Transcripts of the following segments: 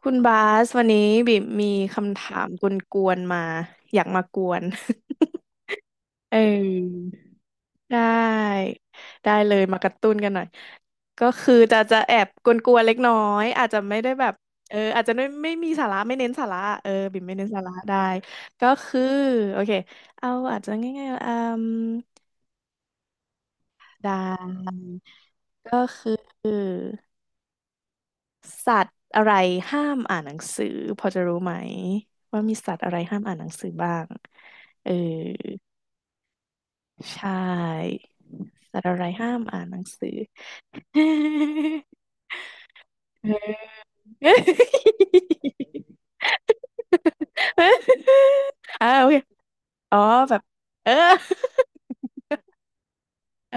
คุณบาสวันนี้บิ่มมีคำถามกวนๆมาอยากมากวน เออได้ได้เลยมากระตุ้นกันหน่อยก็คือจะแอบกวนๆเล็กน้อยอาจจะไม่ได้แบบเอออาจจะไม่มีสาระไม่เน้นสาระเออบิ่มไม่เน้นสาระได้ก็คือโอเคเอาอาจจะง่ายๆอืมได้ก็คือ สัตว์อะไรห้ามอ่านหนังสือพอจะรู้ไหมว่ามีสัตว์อะไรห้ามอ่านหนังสือบ้างเออใช่สัตว์อะไรห้ามอ่านหนังสือ เออ อ่าโอเคอ๋อแบบเออ เอ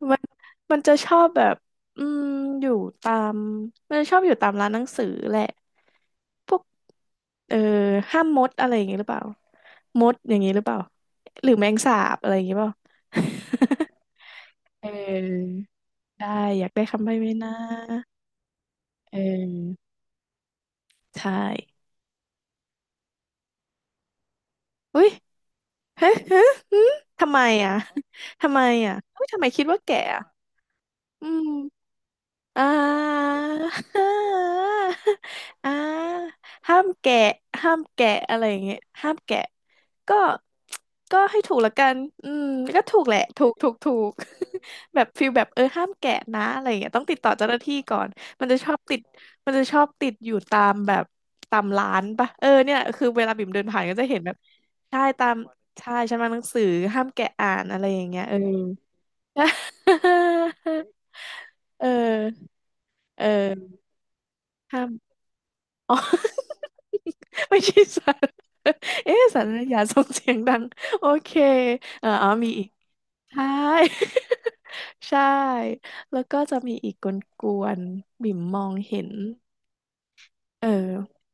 อ มันจะชอบแบบอืมอยู่ตามมันจะชอบอยู่ตามร้านหนังสือแหละพวกเออห้ามมดอะไรอย่างงี้หรือเปล่ามดอย่างงี้หรือเปล่า หรือแมงสาบอะไรอย่างงี้เปล่า เออได้อยากได้คำใบ้ไหมนะเออใช่อุ้ยเฮ้ยเฮ้ยหืมทำไมอ่ะ ทำไมอ่ะเฮ้ยทำไมคิดว่าแก่อะอืม อ่า อ่าห้ามแกะห้ามแกะอะไรอย่างเงี้ยห้ามแกะก็ก็ให้ถูกละกันอืมก็ถูกแหละถูกถูกถูก แบบฟิลแบบเออห้ามแกะนะอะไรอย่างเงี้ยต้องติดต่อเจ้าหน้าที่ก่อนมันจะชอบติดมันจะชอบติดอยู่ตามแบบตามร้านปะเออเนี่ยคือเวลาบิ่มเดินผ่านก็จะเห็นแบบใช่ตามใช่ฉันมาหนังสือห้ามแกะอ่านอะไรอย่างเงี้ยเออ เออ เออห้ามอ๋อ ไม่ใช่สัรเอ๊ะสัรนะอย่าส่งเสียงดัง โอเค เอออ๋อมีอีก ใช่ ใช่ แล้วก็จะมีอีกกวนๆบิ่มมองเห็น เออ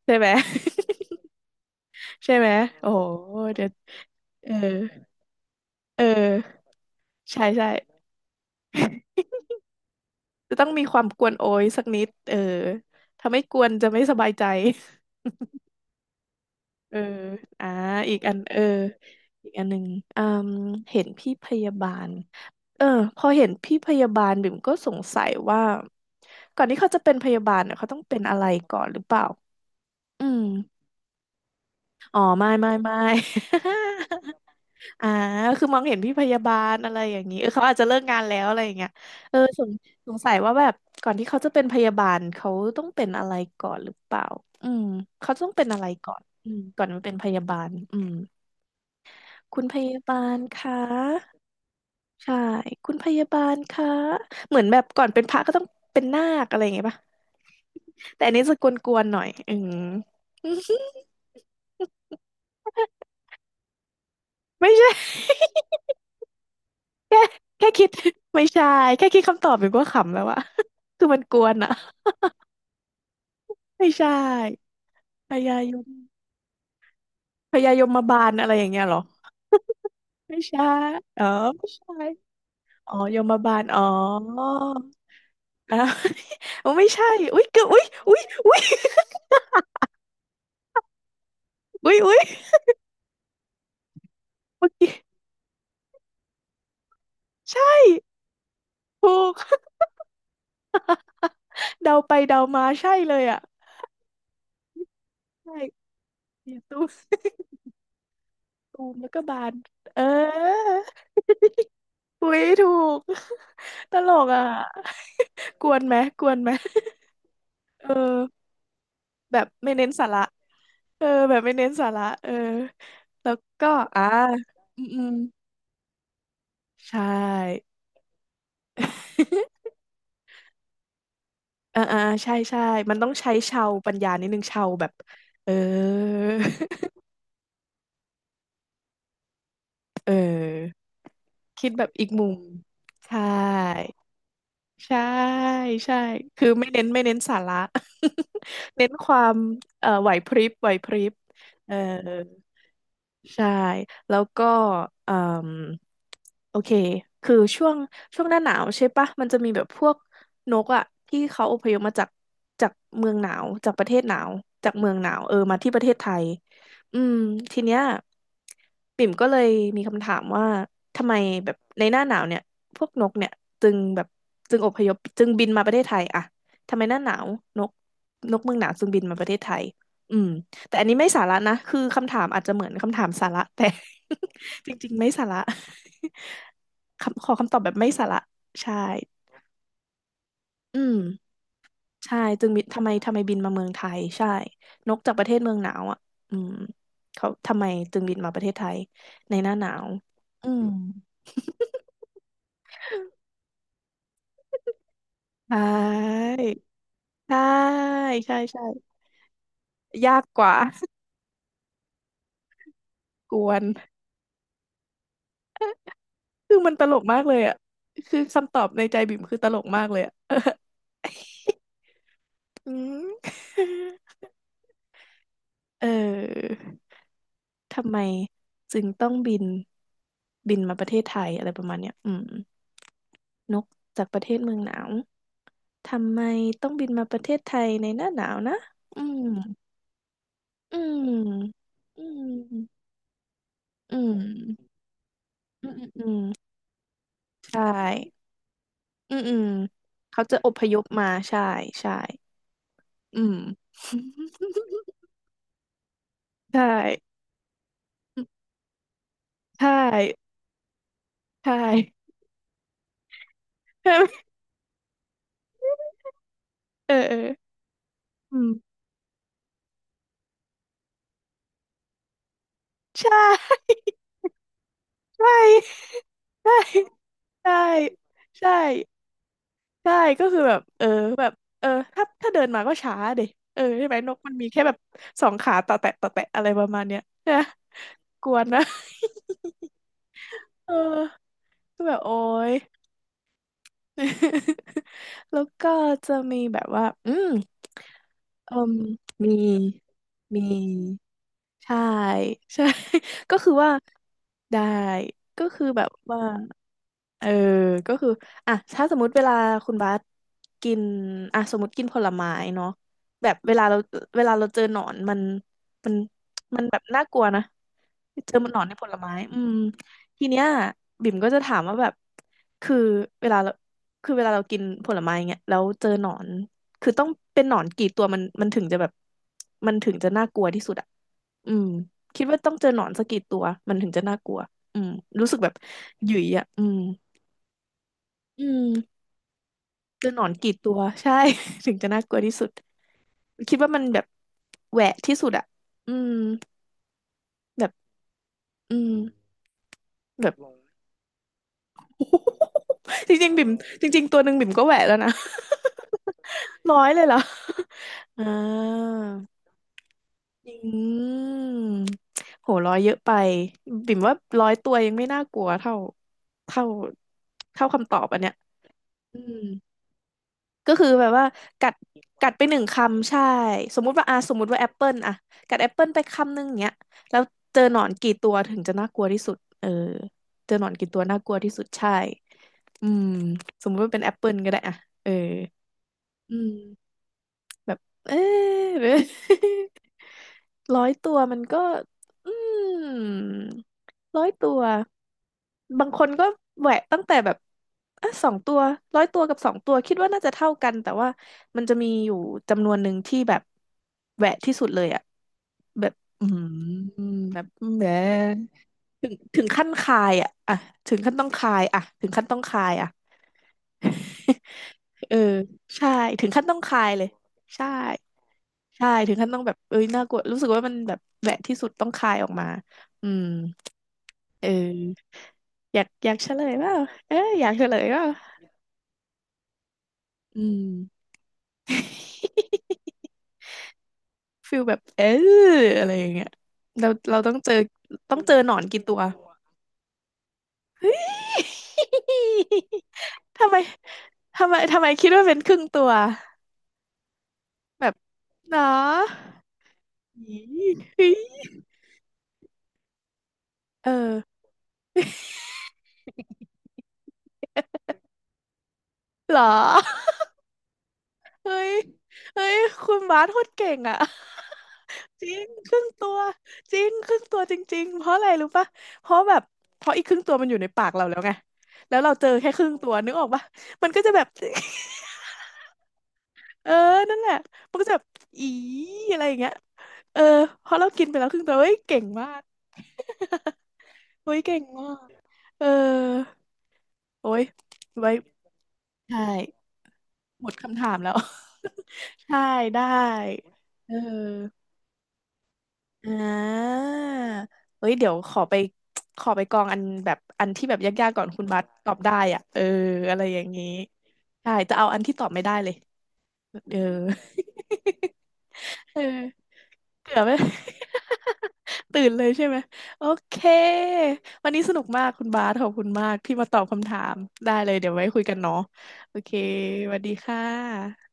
ใช่ไหม ใช่ไหม โอ้โหเดี๋ยวเออเออ ใช่ใช่ จะต้องมีความกวนโอยสักนิดเออถ้าไม่กวนจะไม่สบายใจ เอออ่าอีกอันเอออีกอันหนึ่งอืมเห็นพี่พยาบาลเออพอเห็นพี่พยาบาลบิ่มก็สงสัยว่าก่อนที่เขาจะเป็นพยาบาลเนี่ยเขาต้องเป็นอะไรก่อนหรือเปล่าอืมอ๋อไม่ไม่ไม่ อ่าคือมองเห็นพี่พยาบาลอะไรอย่างนี้เออเขาอาจจะเลิกงานแล้วอะไรอย่างเงี้ยเออสงสัยว่าแบบก่อนที่เขาจะเป็นพยาบาลเขาต้องเป็นอะไรก่อนหรือเปล่าอืมเขาต้องเป็นอะไรก่อนอืมก่อนมาเป็นพยาบาลอืม คุณพยาบาลคะใช่คุณพยาบาลคะเหมือนแบบก่อนเป็นพระก็ต้องเป็นนาคอะไรอย่างเงี้ยป่ะแต่อันนี้จะกวนๆหน่อยอืม ไม่ใช่ แค่คิดไม่ใช่แค่คิดคำตอบอยู่ก็ขำแล้วอะ คือมันกวนอะไม่ใช่พยายมพยายมบาลอะไรอย่างเงี้ยเหรอไม่ใช่อ๋อไม่ใช่อ๋อยมบาลอ๋ออ้าว อ๋อ ไม่ใช่อุ๊ยเกือบอุ๊ยอุ๊ยอุ๊ย อุ๊ยอุ๊ย เมื่อกี้ ใช่ถูก เดาไปเดามาใช่เลยอ่ะใช่เสียตูม ตูมแล้วก็บานเออ อุ้ยถูก ตลกอ่ะ กวนไหมกวนไหมเออแบบไม่เน้นสาระเออแบบไม่เน้นสาระเออแล้วก็อ่าอืมอืมใช่ อ่าอ่าใช่ใช่มันต้องใช้เชาวปัญญานิดนึงเชาวแบบเออ เออ คิดแบบอีกมุมใช่ใช่ใช่คือไม่เน้นสาระ เน้นความเอ่อไหวพริบไหวพริบเออ ใช่แล้วก็เอ่มโอเคคือช่วงช่วงหน้าหนาวใช่ปะมันจะมีแบบพวกนกอะที่เขาอพยพมาจากจากเมืองหนาวจากประเทศหนาวจากเมืองหนาวเออมาที่ประเทศไทยอืมทีเนี้ยปิ่มก็เลยมีคำถามว่าทำไมแบบในหน้าหนาวเนี่ยพวกนกเนี่ยจึงแบบจึงอพยพจึงบินมาประเทศไทยอะทำไมหน้าหนาวนกนกเมืองหนาวจึงบินมาประเทศไทยอืม แต่อันนี้ไม่สาระนะ คือคำถามอาจจะเหมือนคำถามสาระแต่ จริงๆไม่สาระ คำขอคำตอบแบบไม่สาระใช่ อืมใช่จึงมีทำไมทำไมบินมาเมืองไทยใช่นกจากประเทศเมืองหนาวอ่ะอืมเขาทำไมจึงบินมาประเทศไทยในหน้าหนาวอืมใช่ใช่ใช่ใช่ยากกว่า กวนคือมันตลกมากเลยอ่ะคือคำตอบในใจบิ่มคือตลกมากเลยอ่ะ อืม เออ ทำไมจึงต้องบินบินมาประเทศไทยอะไรประมาณเนี้ยอืมนกจากประเทศเมืองหนาวทำไมต้องบินมาประเทศไทยในหน้าหนาวนะอืมอืมอืมอืมอืมอืมใช่อืมอืมเขาจะอพยพมาใช่ใช่อืม ใช่ใช่ใช่ เออเอออืมใช่ ใช่ใช่ใช่ใช่ใช่ก็คือแบบเออแบบเออถ้าเดินมาก็ช้าเด็เออใช่ไหมนกมันมีแค่แบบสองขาต่อแตะต่อแตะอะไรประมาณเนี้ยใช่ไหมกวนนะเออก็แบบโอ๊ย แล้วก็จะมีแบบว่าอืมเอมมีมีใช่ใช่ ก็คือว่าได้ก็คือแบบว่า เออก็คืออ่ะถ้าสมมติเวลาคุณบาสกินอ่ะสมมติกินผลไม้เนาะแบบเวลาเราเจอหนอนมันมันแบบน่ากลัวนะเจอมันหนอนในผลไม้อืมทีเนี้ยบิ่มก็จะถามว่าแบบคือเวลาเราคือเวลาเรากินผลไม้เงี้ยแล้วเจอหนอนคือต้องเป็นหนอนกี่ตัวมันถึงจะแบบมันถึงจะน่ากลัวที่สุดอะอืมคิดว่าต้องเจอหนอนสักกี่ตัวมันถึงจะน่ากลัวอืมรู้สึกแบบหยิ่ยอะอืม อืมเจอหนอนกี่ตัวใช่ ถึงจะน่ากลัวที่สุดคิดว่ามันแบบแหวะที่สุดอะอืมแบบอืมแบบ จริงๆบิ่มจริงๆตัวหนึ่งบิ่มก็แหวะแล้วนะ ร้อยเลยเหรอ อ่าอืมโหร้อยเยอะไปบิ่มว่าร้อยตัวยังไม่น่ากลัวเท่าเท่าคำตอบอันเนี้ยอืม ก็คือแบบว่ากัดกัดไป1 คำใช่สมมุติว่าอ่ะสมมุติว่าแอปเปิลอ่ะกัดแอปเปิลไป1 คำเนี้ยแล้วเจอหนอนกี่ตัวถึงจะน่ากลัวที่สุดเออเจอหนอนกี่ตัวน่ากลัวที่สุดใช่อืมสมมุติว่าเป็นแอปเปิลก็ได้อ่ะเอออืม แบบเออห รือ 100 ตัวมันก็อืมร้อยตัวบางคนก็แหวะตั้งแต่แบบอ่ะสองตัว100 ตัวกับ 2 ตัวคิดว่าน่าจะเท่ากันแต่ว่ามันจะมีอยู่จำนวนหนึ่งที่แบบแหวะที่สุดเลยอะแบบอืมแบบแหมถึงขั้นคายอะอะถึงขั้นต้องคายอะถึงขั้นต้องคายอะ เออใช่ถึงขั้นต้องคายเลยใช่ ใช่ถึงขั้นต้องแบบเอ้ยน่ากลัวรู้สึกว่ามันแบบแหวะที่สุดต้องคายออกมาอืมเอออยากเฉลยเปล่าเอออยากเฉลยเปล่าอืม ฟิลแบบเอออะไรอย่างเงี้ยเราต้องเจอต้องเจอหนอนกี่ตัว ทำไมทำไมคิดว่าเป็นครึ่งตัวแบบเนาะอีเฮ้ยเออเหรอ เฮ้ยเฮ้ยคุณบาสโคตรเก่งอ่ะ จริงครึ่งตัวจริงครึ่งตัวจริงๆเพราะอะไรรู้ปะเพราะแบบเพราะอีกครึ่งตัวมันอยู่ในปากเราแล้วไงแล้วเราเจอแค่ครึ่งตัวนึกออกปะมันก็จะแบบ เออนั่นแหละมันก็จะแบบอีอะไรอย่างเงี้ยเออเพราะเรากินไปแล้วครึ่งตัวเฮ้ยเก่งมาก เฮ้ยเก่งมากเออโอ้ยไว้ใช่หมดคำถามแล้ว ใช่ได้เออ อ่าเฮ้ยเดี๋ยวขอไปขอไปกองอันแบบอันที่แบบยากๆก่อนคุณบัสตอบได้อ่ะเอออะไรอย่างนี้ใช่จะเอาอันที่ตอบไม่ได้เลยเออ เออเกือบไหม ตื่นเลยใช่ไหมโอเควันนี้สนุกมากคุณบาสขอบคุณมากที่มาตอบคำถามได้เลยเดี๋ยวไว้คุยกันเนาะโอเคสวัสดีค่ะ